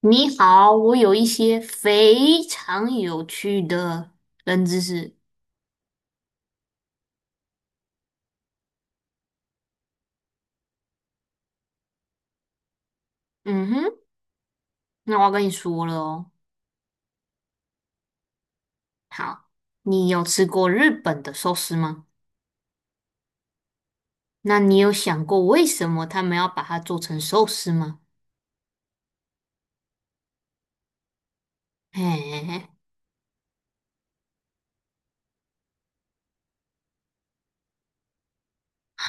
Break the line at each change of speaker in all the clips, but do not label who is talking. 你好，我有一些非常有趣的冷知识。嗯哼，那我要跟你说了哦。好，你有吃过日本的寿司吗？那你有想过为什么他们要把它做成寿司吗？哎，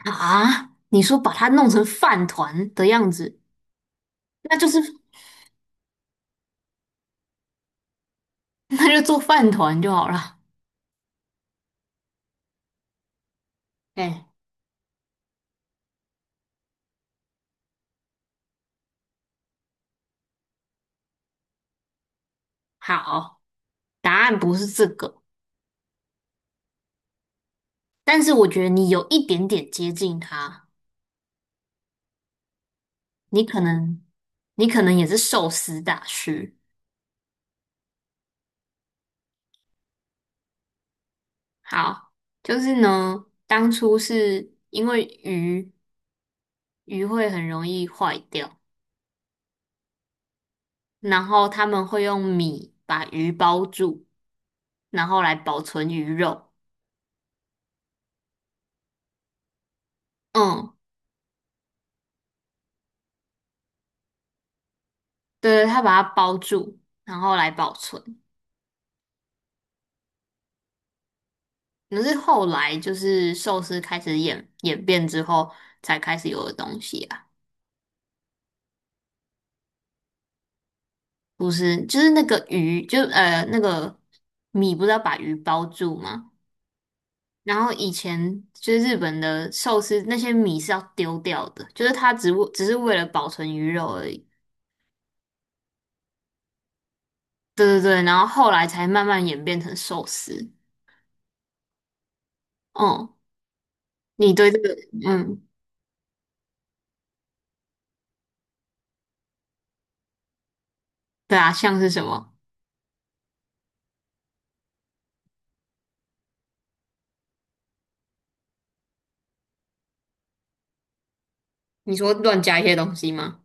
啊，你说把它弄成饭团的样子，那就是 那就做饭团就好了。哎，好，答案不是这个，但是我觉得你有一点点接近它。你可能，你可能也是寿司大师。好，就是呢，当初是因为鱼会很容易坏掉，然后他们会用米把鱼包住，然后来保存鱼肉。嗯，对，他把它包住，然后来保存。可是后来就是寿司开始演变之后，才开始有的东西啊。不是，就是那个鱼，就那个米不是要把鱼包住吗？然后以前就是日本的寿司那些米是要丢掉的，就是它只是为了保存鱼肉而已。对对对，然后后来才慢慢演变成寿司。哦，你对这个，嗯，对啊，像是什么？你说乱加一些东西吗？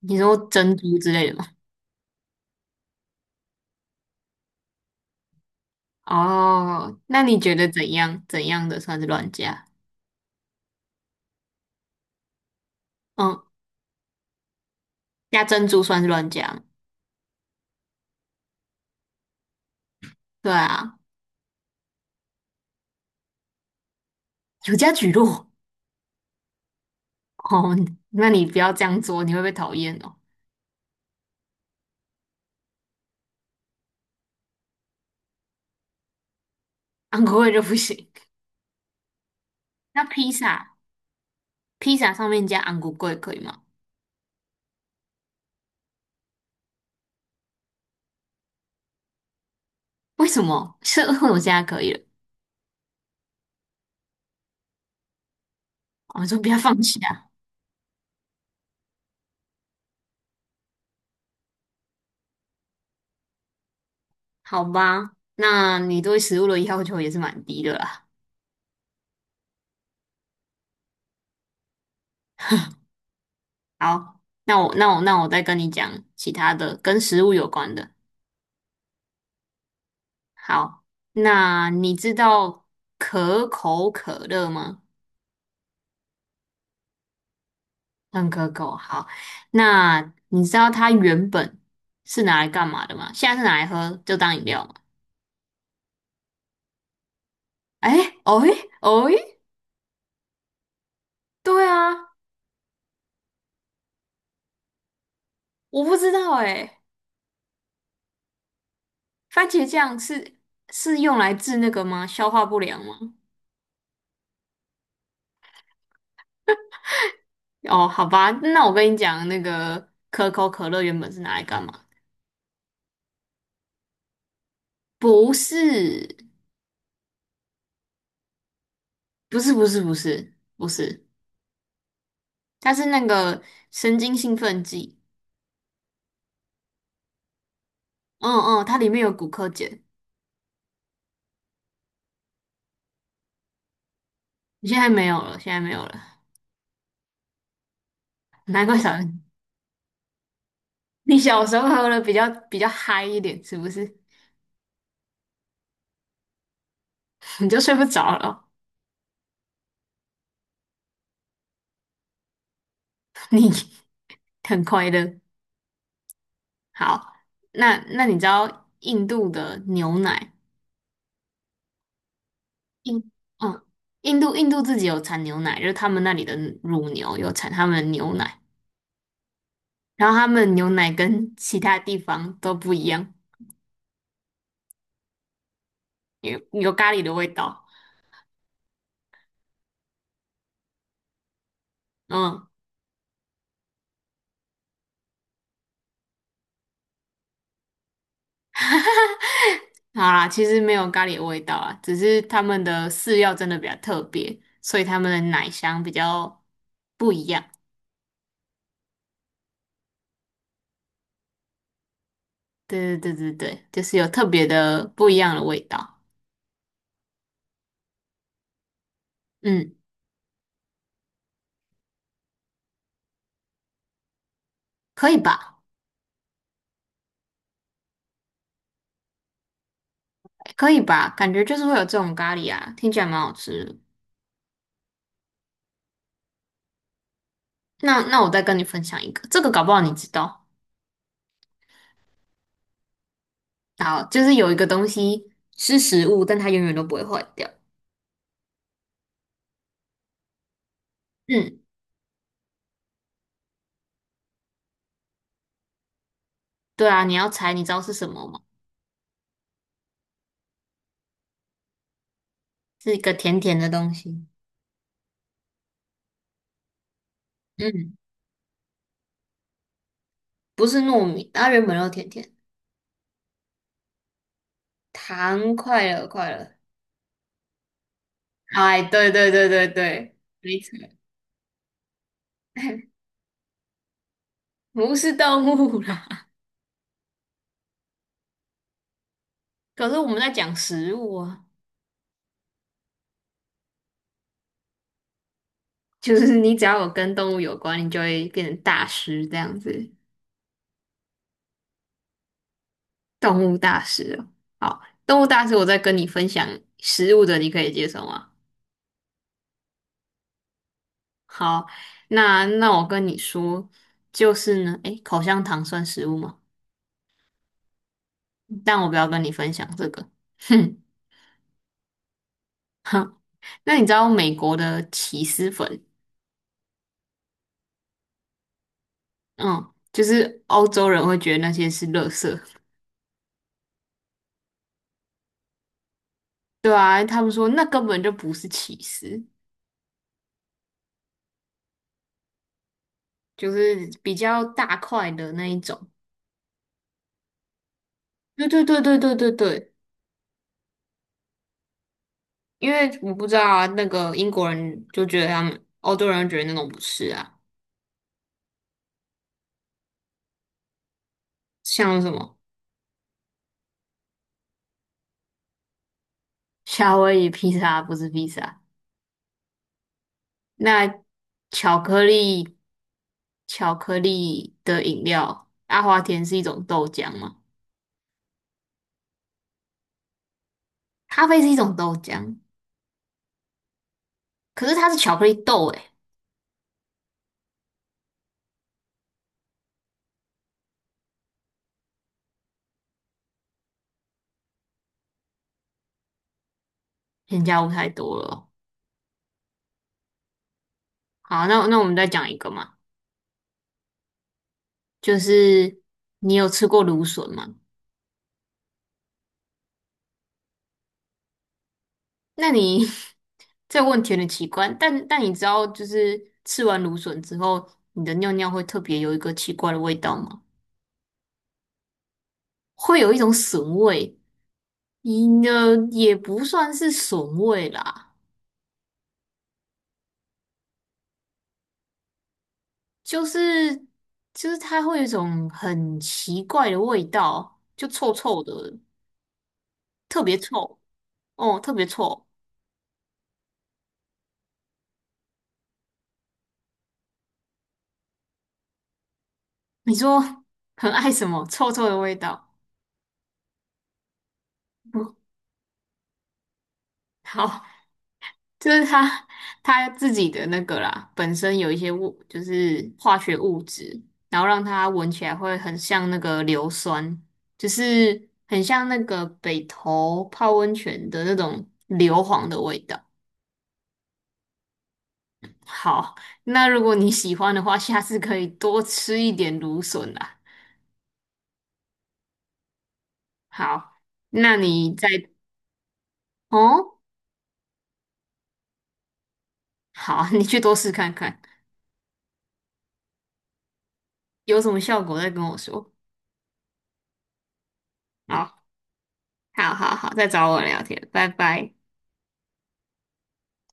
你说珍珠之类的吗？哦，那你觉得怎样？怎样的算是乱加？嗯，加珍珠算是乱加吗？对啊，有加蒟蒻。哦，那你不要这样做，你会被讨厌哦。安国味就不行。那披萨，披萨上面加昂古贵可以吗？为什么？是为我现在可以了。我说不要放弃啊，好吧？那你对食物的要求也是蛮低的啦。好，那我再跟你讲其他的跟食物有关的。好，那你知道可口可乐吗？很可口。好，那你知道它原本是拿来干嘛的吗？现在是拿来喝，就当饮料嘛。哎，哦诶，哦诶，对啊，我不知道哎、番茄酱是用来治那个吗？消化不良吗？哦，好吧，那我跟你讲，那个可口可乐原本是拿来干嘛？不是，不是，不是，不是，不是，它是那个神经兴奋剂。嗯嗯，它里面有骨科碱，现在没有了，现在没有了，难怪少人。你小时候喝了比较嗨一点，是不是？你就睡不着了，很快乐。好，那那你知道印度的牛奶？印，嗯，印度自己有产牛奶，就是他们那里的乳牛有产他们的牛奶，然后他们牛奶跟其他地方都不一样，有咖喱的味道。嗯，好啦，其实没有咖喱的味道啊，只是他们的饲料真的比较特别，所以他们的奶香比较不一样。对对对对对，就是有特别的不一样的味道。嗯，可以吧？可以吧？感觉就是会有这种咖喱啊，听起来蛮好吃的。那那我再跟你分享一个，这个搞不好你知道。好，就是有一个东西是食物，但它永远都不会坏掉。嗯，对啊，你要猜，你知道是什么吗？是一个甜甜的东西。嗯，不是糯米，它原本就甜甜。糖，快乐，快乐。哎，对对对对对，没错，不是动物啦。可是我们在讲食物啊，就是你只要有跟动物有关，你就会变成大师这样子。动物大师哦，好，动物大师，我在跟你分享食物的，你可以接受吗？好，那那我跟你说，就是呢，诶，口香糖算食物吗？但我不要跟你分享这个。哼，那你知道美国的起司粉，嗯，就是欧洲人会觉得那些是垃圾，对啊，他们说那根本就不是起司，就是比较大块的那一种。对对对对对对对。因为我不知道啊，那个英国人就觉得他们欧洲人觉得那种不是啊，像什么夏威夷披萨不是披萨，那巧克力巧克力的饮料，阿华田是一种豆浆吗？咖啡是一种豆浆，可是它是巧克力豆诶、添加物太多了哦。好，那那我们再讲一个嘛，就是你有吃过芦笋吗？那你 这个问题有点奇怪，但你知道，就是吃完芦笋之后，你的尿尿会特别有一个奇怪的味道吗？会有一种笋味，你呢，也不算是笋味啦，就是就是它会有一种很奇怪的味道，就臭臭的，特别臭哦，特别臭。你说 很爱什么臭臭的味道？嗯，好，就是它自己的那个啦，本身有一些物，就是化学物质，然后让它闻起来会很像那个硫酸，就是很像那个北投泡温泉的那种硫磺的味道。好，那如果你喜欢的话，下次可以多吃一点芦笋啦。好，那你再哦，好，你去多试看看，有什么效果再跟我说。好，好，好，好，再找我聊天，拜拜。